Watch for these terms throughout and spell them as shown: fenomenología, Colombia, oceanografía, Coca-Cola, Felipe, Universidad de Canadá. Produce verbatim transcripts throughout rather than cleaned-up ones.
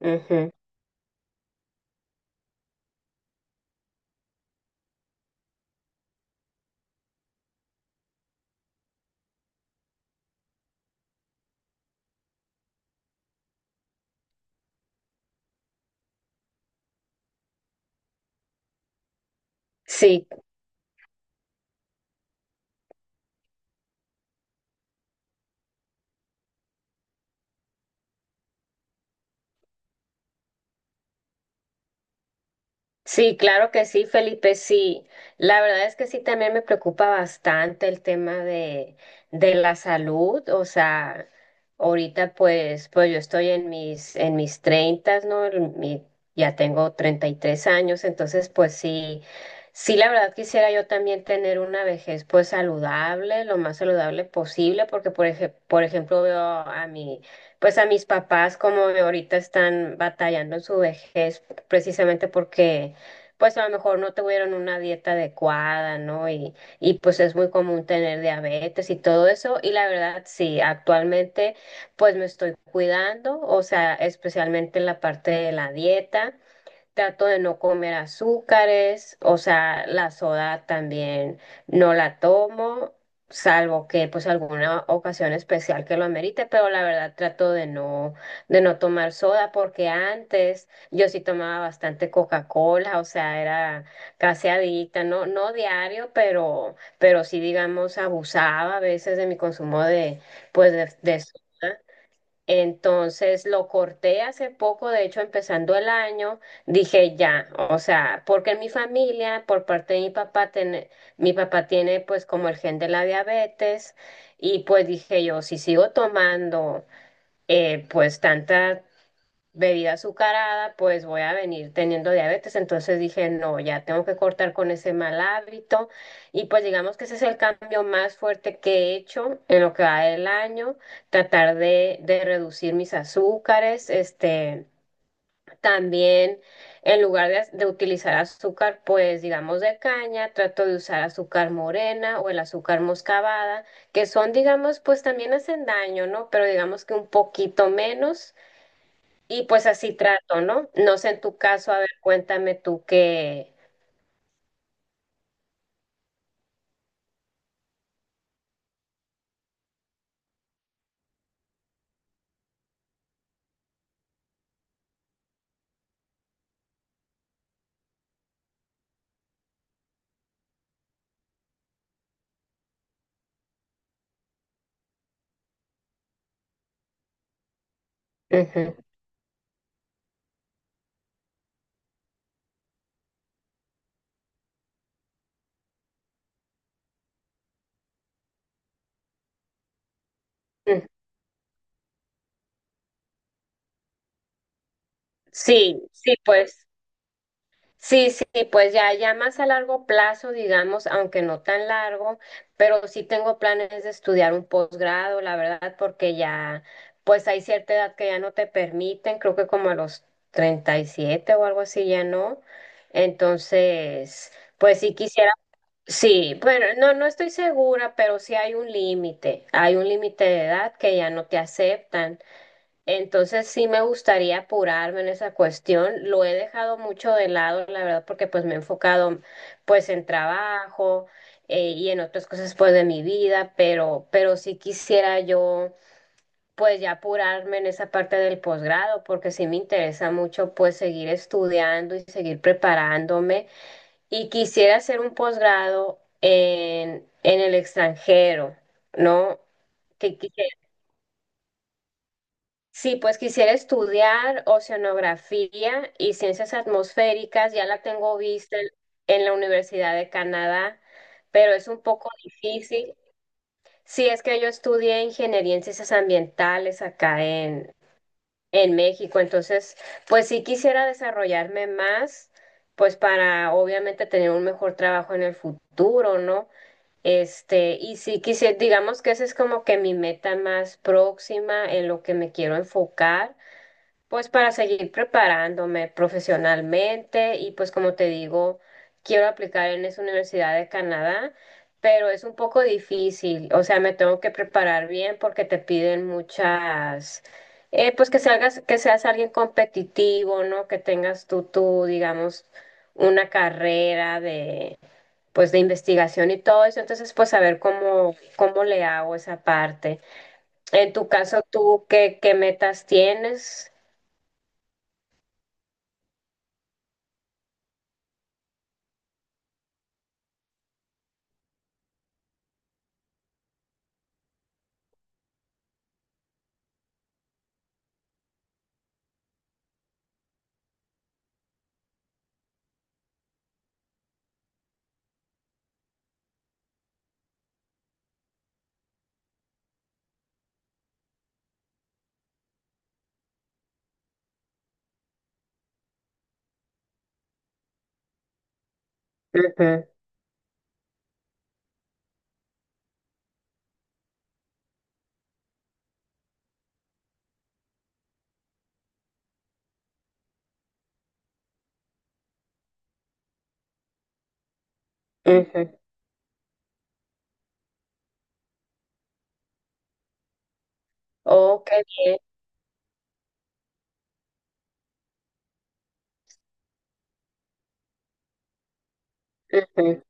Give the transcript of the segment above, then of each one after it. Ujú. Sí, Sí, claro que sí, Felipe, sí. La verdad es que sí, también me preocupa bastante el tema de, de la salud. O sea, ahorita pues, pues yo estoy en mis, en mis treintas, ¿no? En mi- ya tengo treinta y tres años, entonces pues sí, sí, la verdad quisiera yo también tener una vejez pues saludable, lo más saludable posible, porque por ej- por ejemplo veo a mi, pues a mis papás como ahorita están batallando en su vejez precisamente porque pues a lo mejor no tuvieron una dieta adecuada, ¿no? Y, y pues es muy común tener diabetes y todo eso. Y la verdad, sí, actualmente pues me estoy cuidando, o sea, especialmente en la parte de la dieta. Trato de no comer azúcares, o sea, la soda también no la tomo, salvo que pues alguna ocasión especial que lo amerite, pero la verdad trato de no de no tomar soda porque antes yo sí tomaba bastante Coca-Cola, o sea, era casi adicta, no no diario, pero pero sí digamos abusaba a veces de mi consumo de pues de, de soda. Entonces lo corté hace poco, de hecho empezando el año, dije ya, o sea, porque en mi familia, por parte de mi papá, tiene- mi papá tiene pues como el gen de la diabetes y pues dije yo, si sigo tomando eh, pues tanta bebida azucarada, pues voy a venir teniendo diabetes. Entonces dije, no, ya tengo que cortar con ese mal hábito. Y pues digamos que ese es el cambio más fuerte que he hecho en lo que va del año, tratar de, de reducir mis azúcares, este, también en lugar de, az- de utilizar azúcar, pues digamos de caña, trato de usar azúcar morena o el azúcar moscabada, que son, digamos, pues también hacen daño, ¿no? Pero digamos que un poquito menos. Y pues así trato, ¿no? No sé en tu caso, a ver, cuéntame tú qué. Ujú, ujú. Sí, sí, pues, sí, sí, pues ya, ya más a largo plazo, digamos, aunque no tan largo, pero sí tengo planes de estudiar un posgrado, la verdad, porque ya, pues hay cierta edad que ya no te permiten, creo que como a los treinta y siete o algo así ya no. Entonces, pues sí quisiera. Sí, bueno, no, no estoy segura, pero sí hay un límite, hay un límite de edad que ya no te aceptan. Entonces sí me gustaría apurarme en esa cuestión. Lo he dejado mucho de lado, la verdad, porque pues me he enfocado pues en trabajo eh, y en otras cosas pues de mi vida, pero, pero sí quisiera yo pues ya apurarme en esa parte del posgrado, porque sí me interesa mucho pues seguir estudiando y seguir preparándome y quisiera hacer un posgrado en, en el extranjero, ¿no? Que quisiera- sí, pues quisiera estudiar oceanografía y ciencias atmosféricas, ya la tengo vista en, en la Universidad de Canadá, pero es un poco difícil. Sí, es que yo estudié ingeniería en ciencias ambientales acá en, en México, entonces, pues sí quisiera desarrollarme más, pues para obviamente tener un mejor trabajo en el futuro, ¿no? Este, y si quisiera, digamos que esa es como que mi meta más próxima en lo que me quiero enfocar, pues para seguir preparándome profesionalmente y pues como te digo, quiero aplicar en esa Universidad de Canadá, pero es un poco difícil, o sea, me tengo que preparar bien porque te piden muchas, eh, pues que salgas, que seas alguien competitivo, ¿no? Que tengas tú, tú, digamos, una carrera pues de investigación y todo eso, entonces pues a ver cómo, cómo le hago esa parte. En tu caso, ¿tú qué, qué metas tienes? Ujú, ujú. Oh, qué bien. Ujú,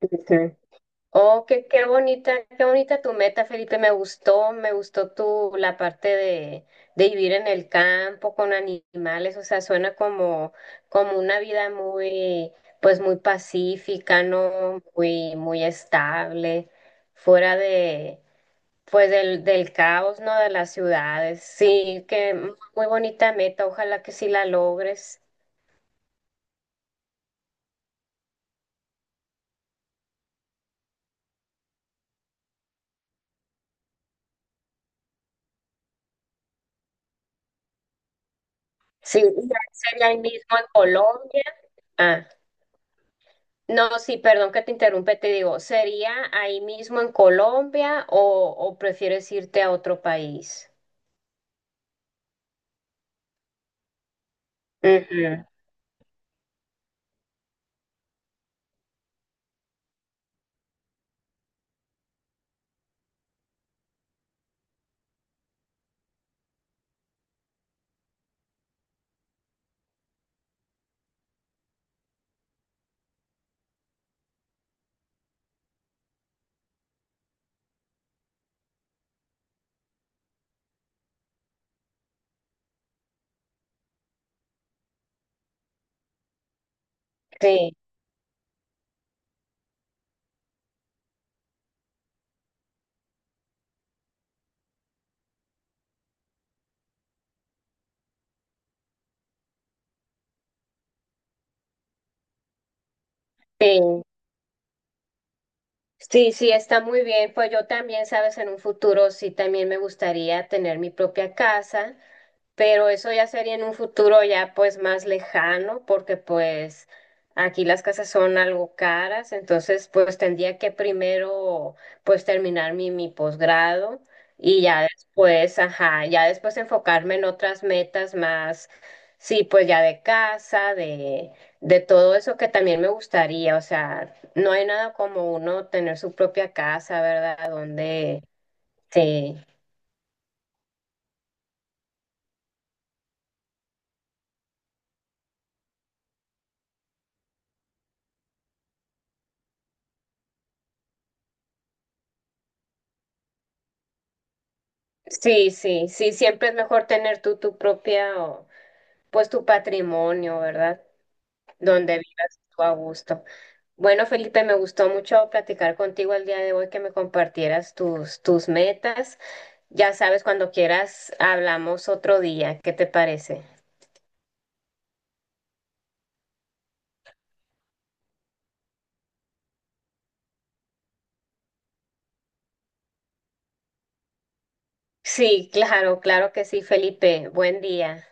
ujú. Oh, qué, qué bonita, qué bonita tu meta, Felipe. Me gustó, me gustó tu, la parte de, de vivir en el campo con animales. O sea, suena como, como una vida muy, pues muy pacífica, ¿no? Muy, muy estable, fuera de, pues del, del caos, ¿no? De las ciudades. Sí, que muy bonita meta, ojalá que sí la logres. Sí, y sería ahí mismo en Colombia. Ah, no, sí, perdón que te interrumpe, te digo, ¿sería ahí mismo en Colombia o, o prefieres irte a otro país? Ujú, sí, sí. Sí, sí, está muy bien. Pues yo también, sabes, en un futuro sí también me gustaría tener mi propia casa. Pero eso ya sería en un futuro ya pues más lejano, porque pues aquí las casas son algo caras, entonces pues tendría que primero pues terminar mi, mi posgrado y ya después, ajá, ya después enfocarme en otras metas más, sí, pues ya de casa, de, de todo eso que también me gustaría, o sea, no hay nada como uno tener su propia casa, ¿verdad? Donde, sí. Sí, sí, sí, siempre es mejor tener tú tu propia, o, pues tu patrimonio, ¿verdad? Donde vivas tú a gusto. Bueno, Felipe, me gustó mucho platicar contigo el día de hoy, que me compartieras tus, tus metas. Ya sabes, cuando quieras, hablamos otro día. ¿Qué te parece? Sí, claro, claro que sí, Felipe. Buen día.